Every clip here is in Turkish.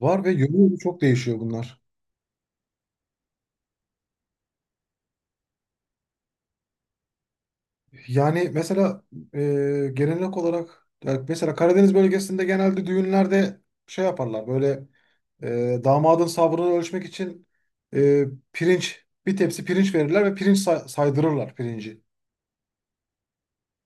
Var ve yolu çok değişiyor bunlar. Yani mesela e, gelenek olarak ya mesela Karadeniz bölgesinde genelde düğünlerde şey yaparlar böyle, damadın sabrını ölçmek için e, pirinç bir tepsi pirinç verirler ve saydırırlar pirinci.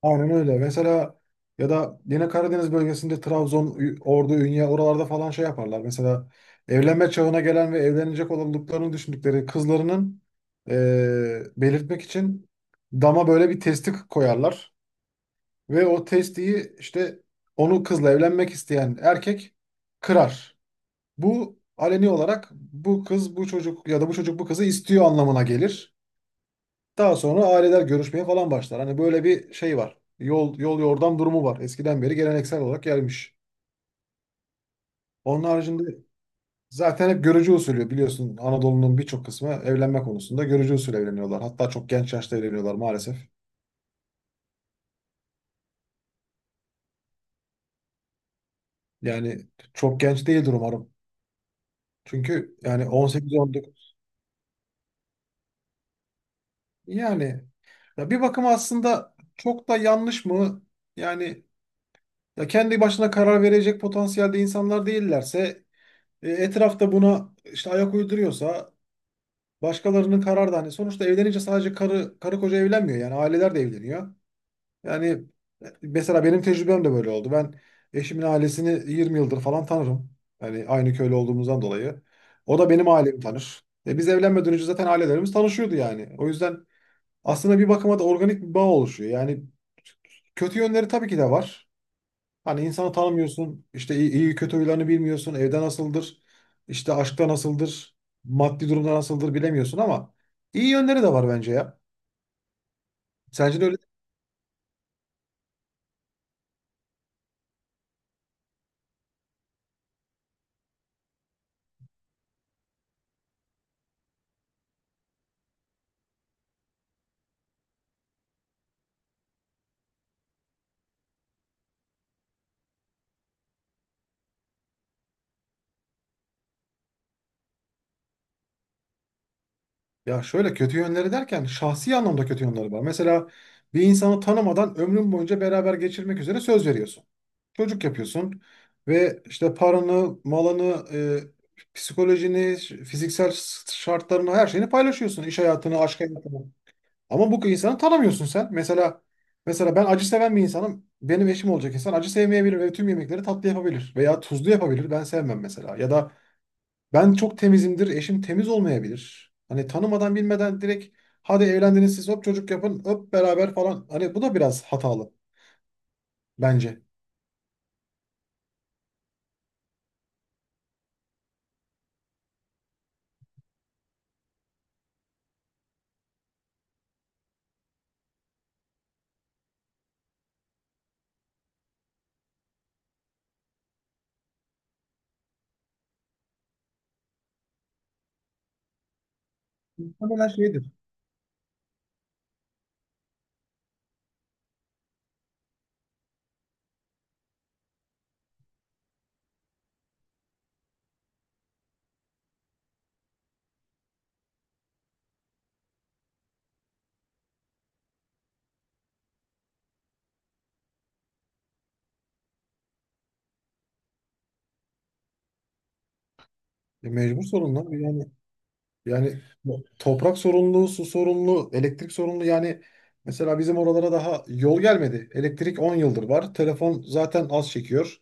Aynen öyle. Mesela ya da yine Karadeniz bölgesinde Trabzon, Ordu, Ünye oralarda falan şey yaparlar. Mesela evlenme çağına gelen ve evlenecek olduklarını düşündükleri kızlarının belirtmek için dama böyle bir testi koyarlar. Ve o testiyi işte onu kızla evlenmek isteyen erkek kırar. Bu aleni olarak bu kız bu çocuk ya da bu çocuk bu kızı istiyor anlamına gelir. Daha sonra aileler görüşmeye falan başlar. Hani böyle bir şey var. Yol yol yordam durumu var. Eskiden beri geleneksel olarak gelmiş. Onun haricinde zaten hep görücü usulü biliyorsun, Anadolu'nun birçok kısmı evlenme konusunda görücü usulü evleniyorlar. Hatta çok genç yaşta evleniyorlar maalesef. Yani çok genç değildir umarım. Çünkü yani 18-19. Yani ya bir bakıma aslında çok da yanlış mı? Yani ya kendi başına karar verecek potansiyelde insanlar değillerse, etrafta buna işte ayak uyduruyorsa, başkalarının kararı da hani sonuçta evlenince sadece karı koca evlenmiyor yani aileler de evleniyor. Yani mesela benim tecrübem de böyle oldu. Ben eşimin ailesini 20 yıldır falan tanırım. Yani aynı köylü olduğumuzdan dolayı. O da benim ailemi tanır. E biz evlenmeden önce zaten ailelerimiz tanışıyordu yani. O yüzden aslında bir bakıma da organik bir bağ oluşuyor. Yani kötü yönleri tabii ki de var. Hani insanı tanımıyorsun, işte iyi kötü huylarını bilmiyorsun, evde nasıldır, işte aşkta nasıldır, maddi durumda nasıldır bilemiyorsun ama iyi yönleri de var bence ya. Sence de öyle? Ya şöyle kötü yönleri derken şahsi anlamda kötü yönleri var. Mesela bir insanı tanımadan ömrün boyunca beraber geçirmek üzere söz veriyorsun. Çocuk yapıyorsun ve işte paranı, malını, e, psikolojini, fiziksel şartlarını, her şeyini paylaşıyorsun. İş hayatını, aşk hayatını. Ama bu insanı tanımıyorsun sen. Mesela ben acı seven bir insanım. Benim eşim olacak insan acı sevmeyebilir ve tüm yemekleri tatlı yapabilir veya tuzlu yapabilir. Ben sevmem mesela. Ya da ben çok temizimdir, eşim temiz olmayabilir. Hani tanımadan bilmeden direkt hadi evlendiniz siz hop çocuk yapın, öp beraber falan. Hani bu da biraz hatalı bence. Muhtemelen şeydir. E, mecbur sorunlar. Yani toprak sorunlu, su sorunlu, elektrik sorunlu. Yani mesela bizim oralara daha yol gelmedi. Elektrik 10 yıldır var. Telefon zaten az çekiyor.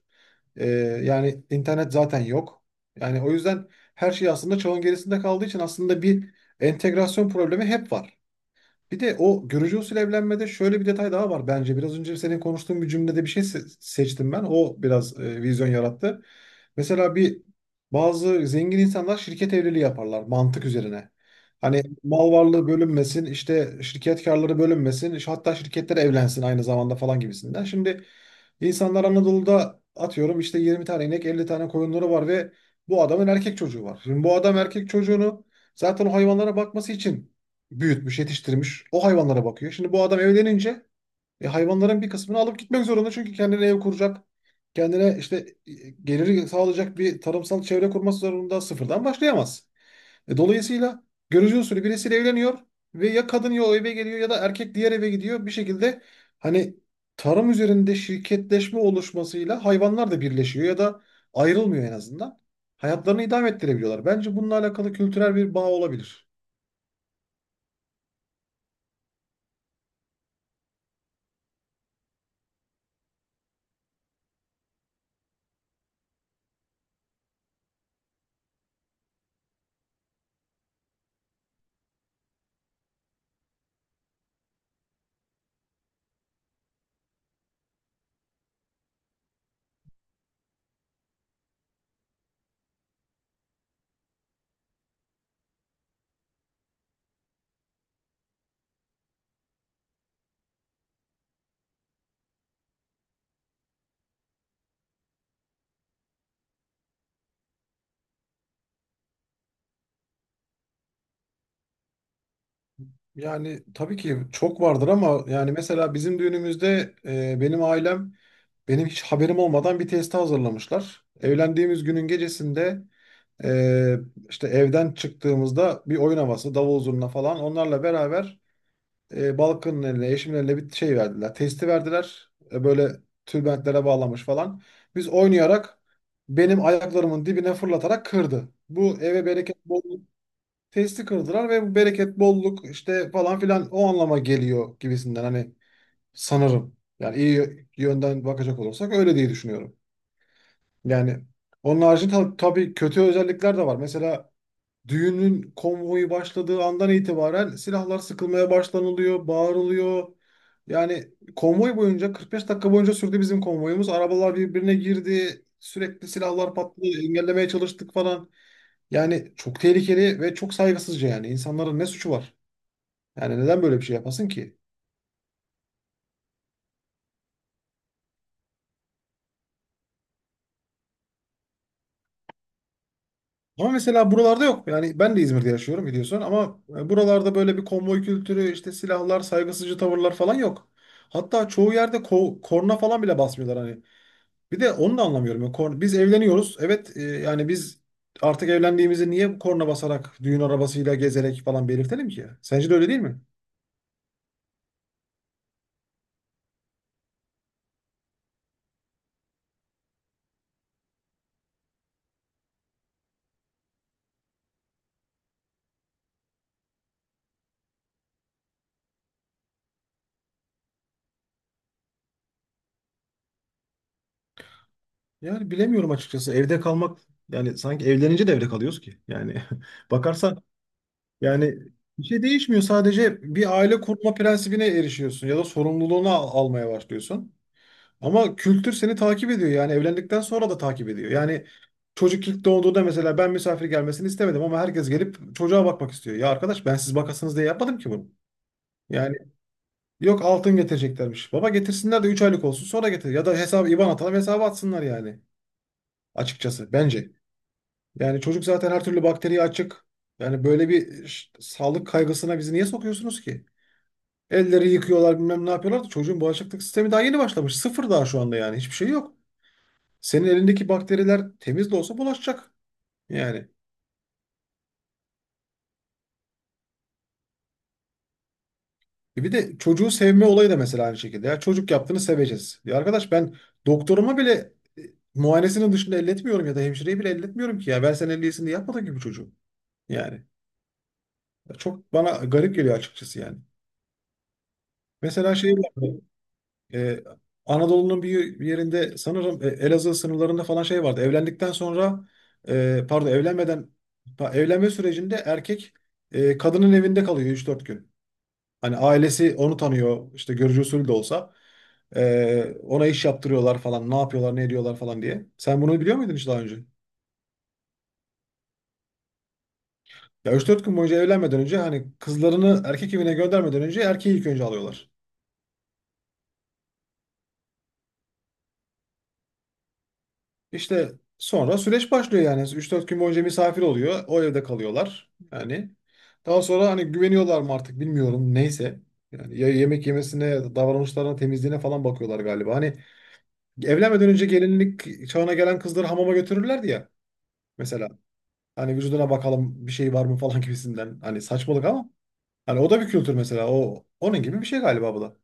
Ee, yani internet zaten yok. Yani o yüzden her şey aslında çağın gerisinde kaldığı için aslında bir entegrasyon problemi hep var. Bir de o görücü usulü evlenmede şöyle bir detay daha var bence. Biraz önce senin konuştuğun bir cümlede bir şey seçtim ben. O biraz vizyon yarattı. Mesela bir bazı zengin insanlar şirket evliliği yaparlar mantık üzerine. Hani mal varlığı bölünmesin, işte şirket karları bölünmesin, işte hatta şirketler evlensin aynı zamanda falan gibisinden. Şimdi insanlar Anadolu'da atıyorum işte 20 tane inek, 50 tane koyunları var ve bu adamın erkek çocuğu var. Şimdi bu adam erkek çocuğunu zaten o hayvanlara bakması için büyütmüş, yetiştirmiş. O hayvanlara bakıyor. Şimdi bu adam evlenince hayvanların bir kısmını alıp gitmek zorunda. Çünkü kendine ev kuracak. Kendine işte e, geliri sağlayacak bir tarımsal çevre kurması zorunda, sıfırdan başlayamaz. E, dolayısıyla görücü usulü birisiyle evleniyor ve ya kadın ya o eve geliyor ya da erkek diğer eve gidiyor. Bir şekilde hani tarım üzerinde şirketleşme oluşmasıyla hayvanlar da birleşiyor ya da ayrılmıyor en azından. Hayatlarını idame ettirebiliyorlar. Bence bununla alakalı kültürel bir bağ olabilir. Yani tabii ki çok vardır ama yani mesela bizim düğünümüzde, benim ailem benim hiç haberim olmadan bir testi hazırlamışlar. Evlendiğimiz günün gecesinde, e, işte evden çıktığımızda bir oyun havası, davul zurna falan onlarla beraber, Balkan'ın eline, eşimin eline bir şey verdiler. Testi verdiler. E, böyle tülbentlere bağlamış falan. Biz oynayarak benim ayaklarımın dibine fırlatarak kırdı. Bu eve bereket bol, testi kırdılar ve bu bereket, bolluk işte falan filan o anlama geliyor gibisinden, hani sanırım. Yani iyi yönden bakacak olursak öyle diye düşünüyorum. Yani onun haricinde, tabii kötü özellikler de var. Mesela düğünün konvoyu başladığı andan itibaren silahlar sıkılmaya başlanılıyor, bağırılıyor. Yani konvoy boyunca 45 dakika boyunca sürdü bizim konvoyumuz. Arabalar birbirine girdi. Sürekli silahlar patladı. Engellemeye çalıştık falan. Yani çok tehlikeli ve çok saygısızca yani. İnsanların ne suçu var? Yani neden böyle bir şey yapasın ki? Ama mesela buralarda yok. Yani ben de İzmir'de yaşıyorum biliyorsun ama buralarda böyle bir konvoy kültürü, işte silahlar, saygısızcı tavırlar falan yok. Hatta çoğu yerde korna falan bile basmıyorlar hani. Bir de onu da anlamıyorum. Yani korna, biz evleniyoruz. Evet, yani biz artık evlendiğimizi niye korna basarak, düğün arabasıyla gezerek falan belirtelim ki? Sence de öyle değil mi? Yani bilemiyorum açıkçası. Evde kalmak, yani sanki evlenince de evde kalıyoruz ki. Yani bakarsan. Yani bir şey değişmiyor. Sadece bir aile kurma prensibine erişiyorsun ya da sorumluluğunu almaya başlıyorsun. Ama kültür seni takip ediyor. Yani evlendikten sonra da takip ediyor. Yani çocuk ilk doğduğunda mesela ben misafir gelmesini istemedim ama herkes gelip çocuğa bakmak istiyor. Ya arkadaş, ben siz bakasınız diye yapmadım ki bunu. Yani yok, altın getireceklermiş. Baba, getirsinler de 3 aylık olsun sonra getir. Ya da hesabı, IBAN atalım, hesabı atsınlar yani. Açıkçası bence. Yani çocuk zaten her türlü bakteriye açık. Yani böyle bir sağlık kaygısına bizi niye sokuyorsunuz ki? Elleri yıkıyorlar bilmem ne yapıyorlar da çocuğun bağışıklık sistemi daha yeni başlamış. Sıfır daha şu anda, yani hiçbir şey yok. Senin elindeki bakteriler temiz de olsa bulaşacak. Yani E bir de çocuğu sevme olayı da mesela aynı şekilde. Ya çocuk yaptığını seveceğiz. Ya arkadaş ben doktoruma bile, e, muayenesinin dışında elletmiyorum ya da hemşireyi bile elletmiyorum ki ya. Ben sen elliyesin diye yapmadın gibi çocuğu. Yani Ya çok bana garip geliyor açıkçası yani. Mesela şey var. Ee, Anadolu'nun bir yerinde sanırım, Elazığ sınırlarında falan şey vardı. Evlendikten sonra, pardon, evlenmeden, evlenme sürecinde erkek, kadının evinde kalıyor 3-4 gün. Hani ailesi onu tanıyor işte görücü usulü de olsa. E, ona iş yaptırıyorlar falan, ne yapıyorlar ne ediyorlar falan diye. Sen bunu biliyor muydun hiç daha önce? Ya 3-4 gün boyunca evlenmeden önce hani kızlarını erkek evine göndermeden önce erkeği ilk önce alıyorlar. İşte sonra süreç başlıyor yani. 3-4 gün boyunca misafir oluyor. O evde kalıyorlar. Yani daha sonra hani güveniyorlar mı artık bilmiyorum. Neyse. Yani ya yemek yemesine, davranışlarına, temizliğine falan bakıyorlar galiba. Hani evlenmeden önce gelinlik çağına gelen kızları hamama götürürlerdi ya. Mesela hani vücuduna bakalım bir şey var mı falan gibisinden. Hani saçmalık ama. Hani o da bir kültür mesela. O onun gibi bir şey galiba bu da.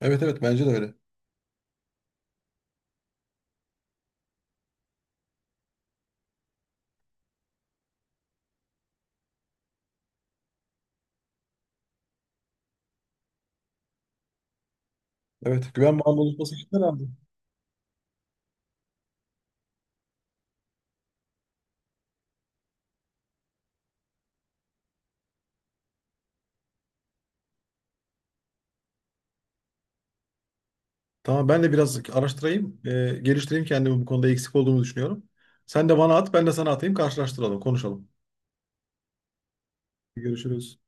Evet evet bence de öyle. Evet güven bağımlı oluşması için de lazım. Tamam, ben de biraz araştırayım, geliştireyim kendimi, bu konuda eksik olduğumu düşünüyorum. Sen de bana at, ben de sana atayım, karşılaştıralım, konuşalım. Görüşürüz.